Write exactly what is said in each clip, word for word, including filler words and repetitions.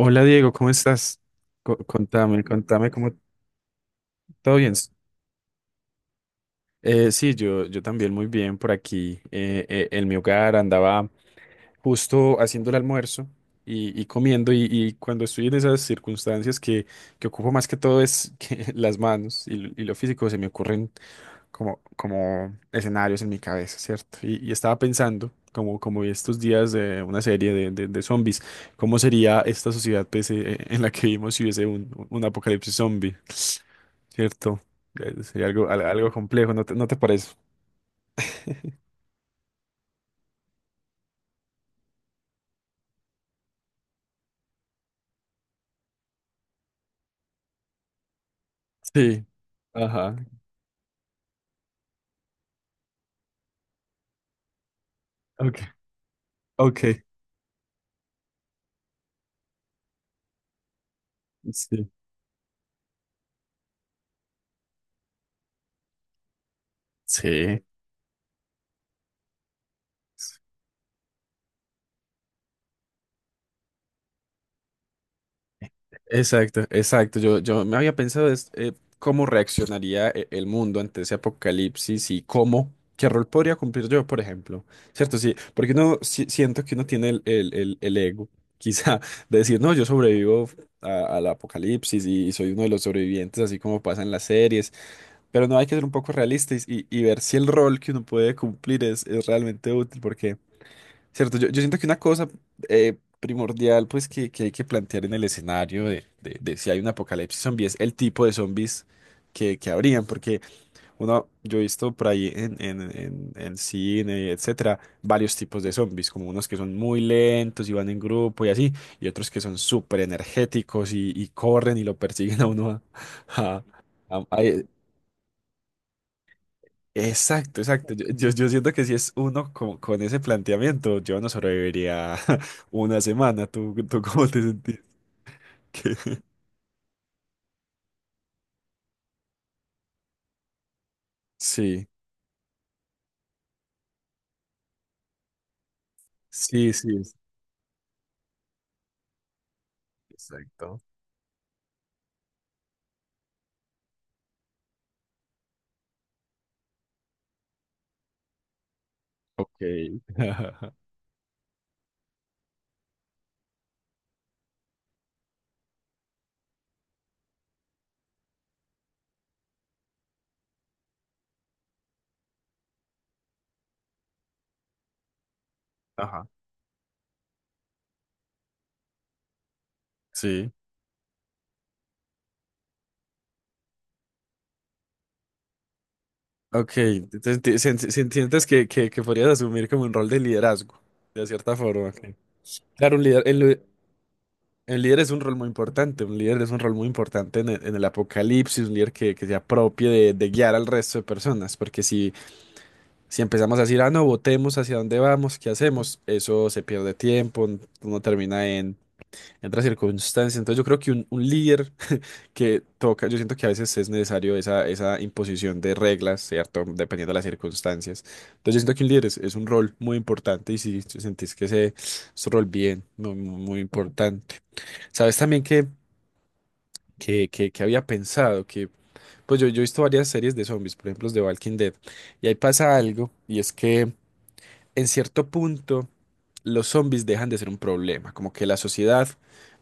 Hola Diego, ¿cómo estás? Co- contame, contame cómo todo bien. Eh, sí, yo, yo también muy bien por aquí. Eh, eh, en mi hogar andaba justo haciendo el almuerzo y, y comiendo y, y cuando estoy en esas circunstancias que, que ocupo más que todo es que las manos y, lo y lo físico se me ocurren como, como escenarios en mi cabeza, ¿cierto? Y, y estaba pensando, como, como vi estos días de una serie de, de, de zombies, ¿cómo sería esta sociedad pues, eh, en la que vivimos si hubiese un, un apocalipsis zombie, ¿cierto? Eh, Sería algo, al- algo complejo, ¿no te, no te parece? Sí. Ajá. Ok. Ok. Sí. Sí. Exacto, exacto. Yo, yo me había pensado es, eh, cómo reaccionaría e- el mundo ante ese apocalipsis y cómo, qué rol podría cumplir yo, por ejemplo. ¿Cierto? Sí, porque uno si- siento que uno tiene el, el- el- el ego, quizá, de decir, no, yo sobrevivo a- al apocalipsis y, y soy uno de los sobrevivientes, así como pasa en las series. Pero no hay que ser un poco realistas y, y ver si el rol que uno puede cumplir es, es realmente útil, porque cierto, yo, yo siento que una cosa eh, primordial pues que, que hay que plantear en el escenario de, de- de si hay un apocalipsis zombie es el tipo de zombies que, que habrían, porque uno, yo he visto por ahí en, en, en, en cine, etcétera, varios tipos de zombies, como unos que son muy lentos y van en grupo y así, y otros que son súper energéticos y, y corren y lo persiguen a uno a, a- a- a- exacto, exacto. Yo, yo- yo siento que si es uno con, con ese planteamiento, yo no sobreviviría una semana. ¿Tú, tú cómo te sentís? Sí, sí, sí. es- Exacto. Ok. Ajá. Sí. Ok. Entonces, ti- sen- sen- sientes que, que, que podrías asumir como un rol de liderazgo, de cierta forma. Ok. Claro, un líder, el, li- el líder es un rol muy importante. Un líder es un rol muy importante en el, en el apocalipsis, un líder que, que se apropie de, de guiar al resto de personas. Porque si si empezamos a decir, ah, no, votemos hacia dónde vamos, qué hacemos, eso se pierde tiempo, n- uno termina en, en otras circunstancias. Entonces yo creo que un, un líder que toca, yo siento que a veces es necesario esa, esa imposición de reglas, ¿cierto? Dependiendo de las circunstancias. Entonces yo siento que un líder es, es un rol muy importante y si si sentís que ese es un rol bien, muy, muy muy importante. Sabes también que, que, que, que había pensado que, pues yo, yo he visto varias series de zombies, por ejemplo, los de Walking Dead, y ahí pasa algo, y es que en cierto punto, los zombies dejan de ser un problema, como que la sociedad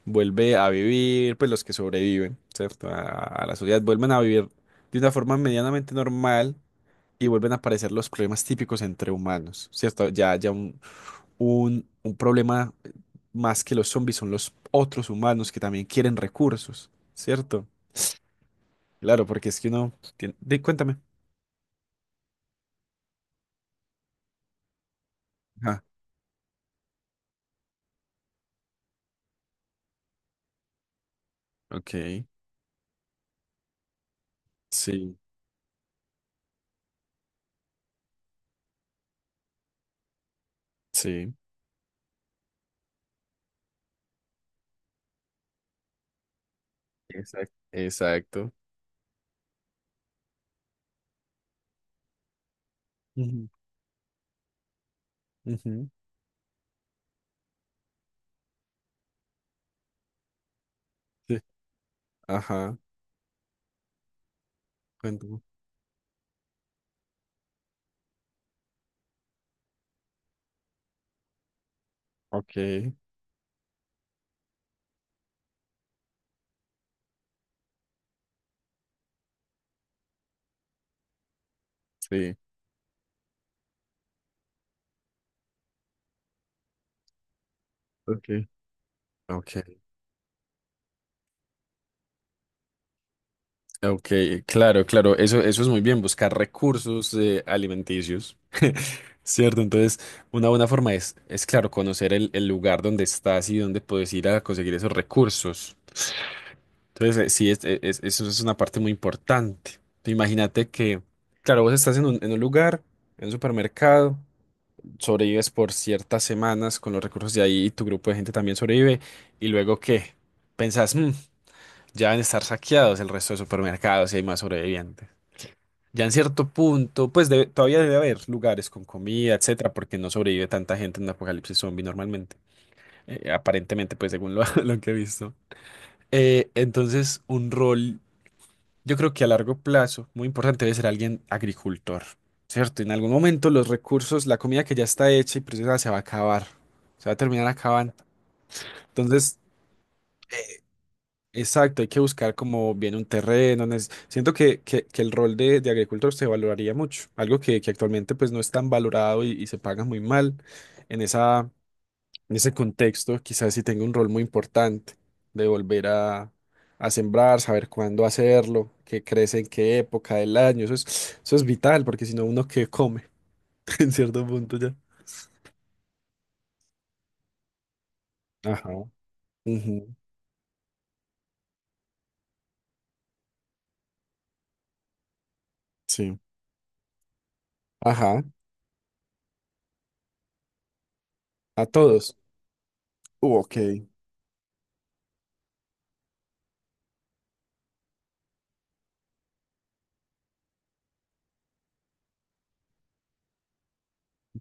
vuelve a vivir, pues los que sobreviven, ¿cierto? A, a la sociedad vuelven a vivir de una forma medianamente normal y vuelven a aparecer los problemas típicos entre humanos, ¿cierto? Ya, ya un, un, un problema más que los zombies son los otros humanos que también quieren recursos, ¿cierto? Claro, porque es que uno tiene. Di, cuéntame. Ah, ok. Sí, sí. Exacto. Exacto. Ujú, ujú. Ajá, cuéntame. Ok, sí. Ok, ok, ok, claro, claro, eso, eso es muy bien, buscar recursos eh, alimenticios, ¿cierto? Entonces, una buena forma es, es claro, conocer el, el lugar donde estás y dónde puedes ir a conseguir esos recursos. Entonces, eh, sí, es- es- es- eso es una parte muy importante. Imagínate que, claro, vos estás en un, en un lugar, en un supermercado. Sobrevives por ciertas semanas con los recursos de ahí y tu grupo de gente también sobrevive. Y luego que pensás, "Mm, ya van a estar saqueados el resto de supermercados y hay más sobrevivientes. Ya en cierto punto, pues debe- todavía debe haber lugares con comida, etcétera, porque no sobrevive tanta gente en un apocalipsis zombie normalmente. Eh, aparentemente, pues según lo, lo que he visto. Eh, entonces, un rol yo creo que a largo plazo, muy importante debe ser alguien agricultor, ¿cierto? En algún momento los recursos, la comida que ya está hecha y procesada se va a acabar, se va a terminar acabando. Entonces, exacto, hay que buscar como bien un terreno. neces- Siento que, que- que el rol de, de agricultor se valoraría mucho, algo que, que actualmente pues no es tan valorado y, y se paga muy mal en esa, en ese contexto, quizás sí tenga un rol muy importante de volver a, a sembrar, saber cuándo hacerlo, qué crece en qué época del año. Eso es, eso es vital, porque si no, uno que come en cierto punto ya. Ajá. Ujú, sí. Ajá. A todos. Uh, ok.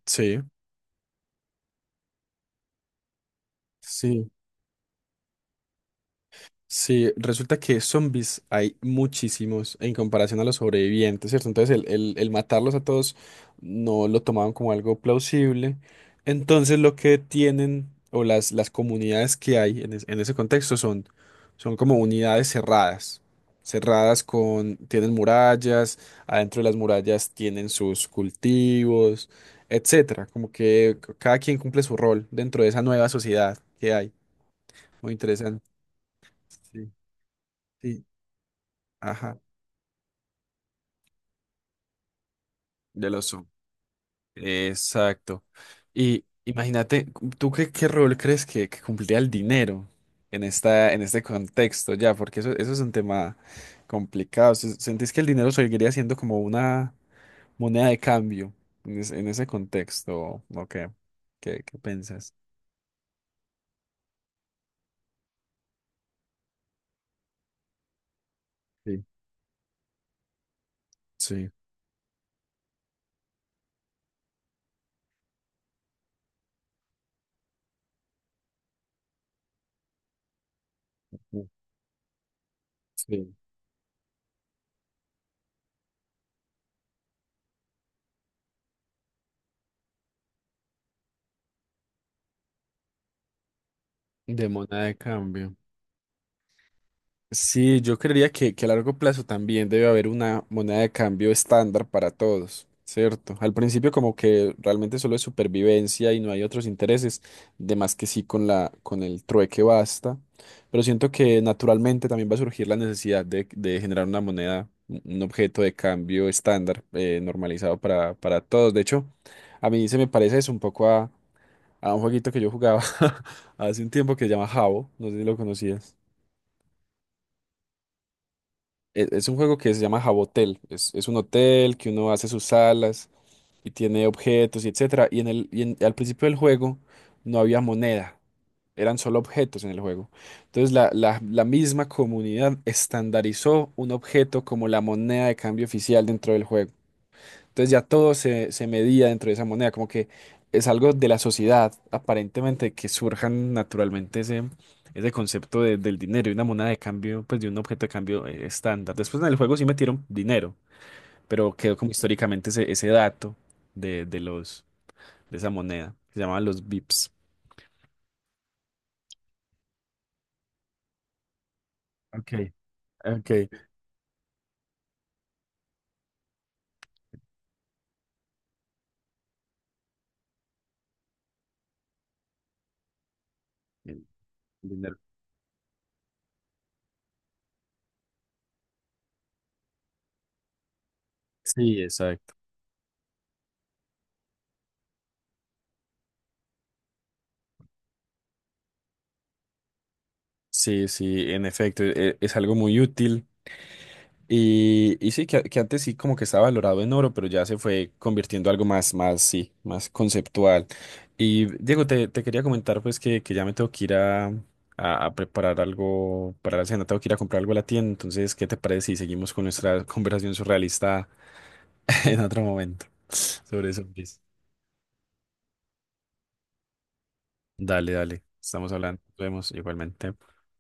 Sí. Sí. Sí, resulta que zombies hay muchísimos en comparación a los sobrevivientes, ¿cierto? Entonces el, el- el matarlos a todos no lo tomaban como algo plausible. Entonces lo que tienen o las, las comunidades que hay en, es- en ese contexto son, son como unidades cerradas, cerradas con, tienen murallas, adentro de las murallas tienen sus cultivos, etcétera. Como que cada quien cumple su rol dentro de esa nueva sociedad que hay. Muy interesante. Sí. Sí. Ajá, del oso. Exacto. Y imagínate, ¿tú qué, qué rol crees que, que cumpliría el dinero en esta, en este contexto ya? Porque eso, eso es un tema complicado. Se- ¿Sentís que el dinero seguiría siendo como una moneda de cambio en, es- en ese contexto? ¿O qué? ¿Qué, qué piensas? Sí. Sí. Sí. De moneda de cambio. Sí, yo creería que, que a largo plazo también debe haber una moneda de cambio estándar para todos, ¿cierto? Al principio como que realmente solo es supervivencia y no hay otros intereses, de más que sí con la, con el trueque basta, pero siento que naturalmente también va a surgir la necesidad de, de generar una moneda, un un objeto de cambio estándar eh, normalizado para, para todos. De hecho, a mí se me parece eso un poco a, a un jueguito que yo jugaba hace un tiempo que se llama Jabo, no sé si lo conocías. e- Es un juego que se llama Jabotel. Es, es un hotel que uno hace sus salas y tiene objetos y etcétera. Y en el, y en- al principio del juego no había moneda, eran solo objetos en el juego. Entonces la, la, la misma comunidad estandarizó un objeto como la moneda de cambio oficial dentro del juego. Entonces ya todo se, se medía dentro de esa moneda, como que es algo de la sociedad, aparentemente, que surjan naturalmente ese, ese concepto de- del dinero y una moneda de cambio, pues de un objeto de cambio eh, estándar. Después en el juego sí metieron dinero, pero quedó como históricamente ese, ese dato de, de los, de esa moneda, que se llamaban los bips. Ok, ok. El dinero. Sí, exacto. Sí, sí, en efecto, e- es algo muy útil. Y, y sí, que, que antes sí como que estaba valorado en oro, pero ya se fue convirtiendo algo más, más, sí, más conceptual. Y Diego, te, te quería comentar pues que, que ya me tengo que ir a, a, a preparar algo para la cena, tengo que ir a comprar algo a la tienda, entonces, ¿qué te parece si seguimos con nuestra conversación surrealista en otro momento sobre eso? Dale, dale, estamos hablando, nos vemos igualmente.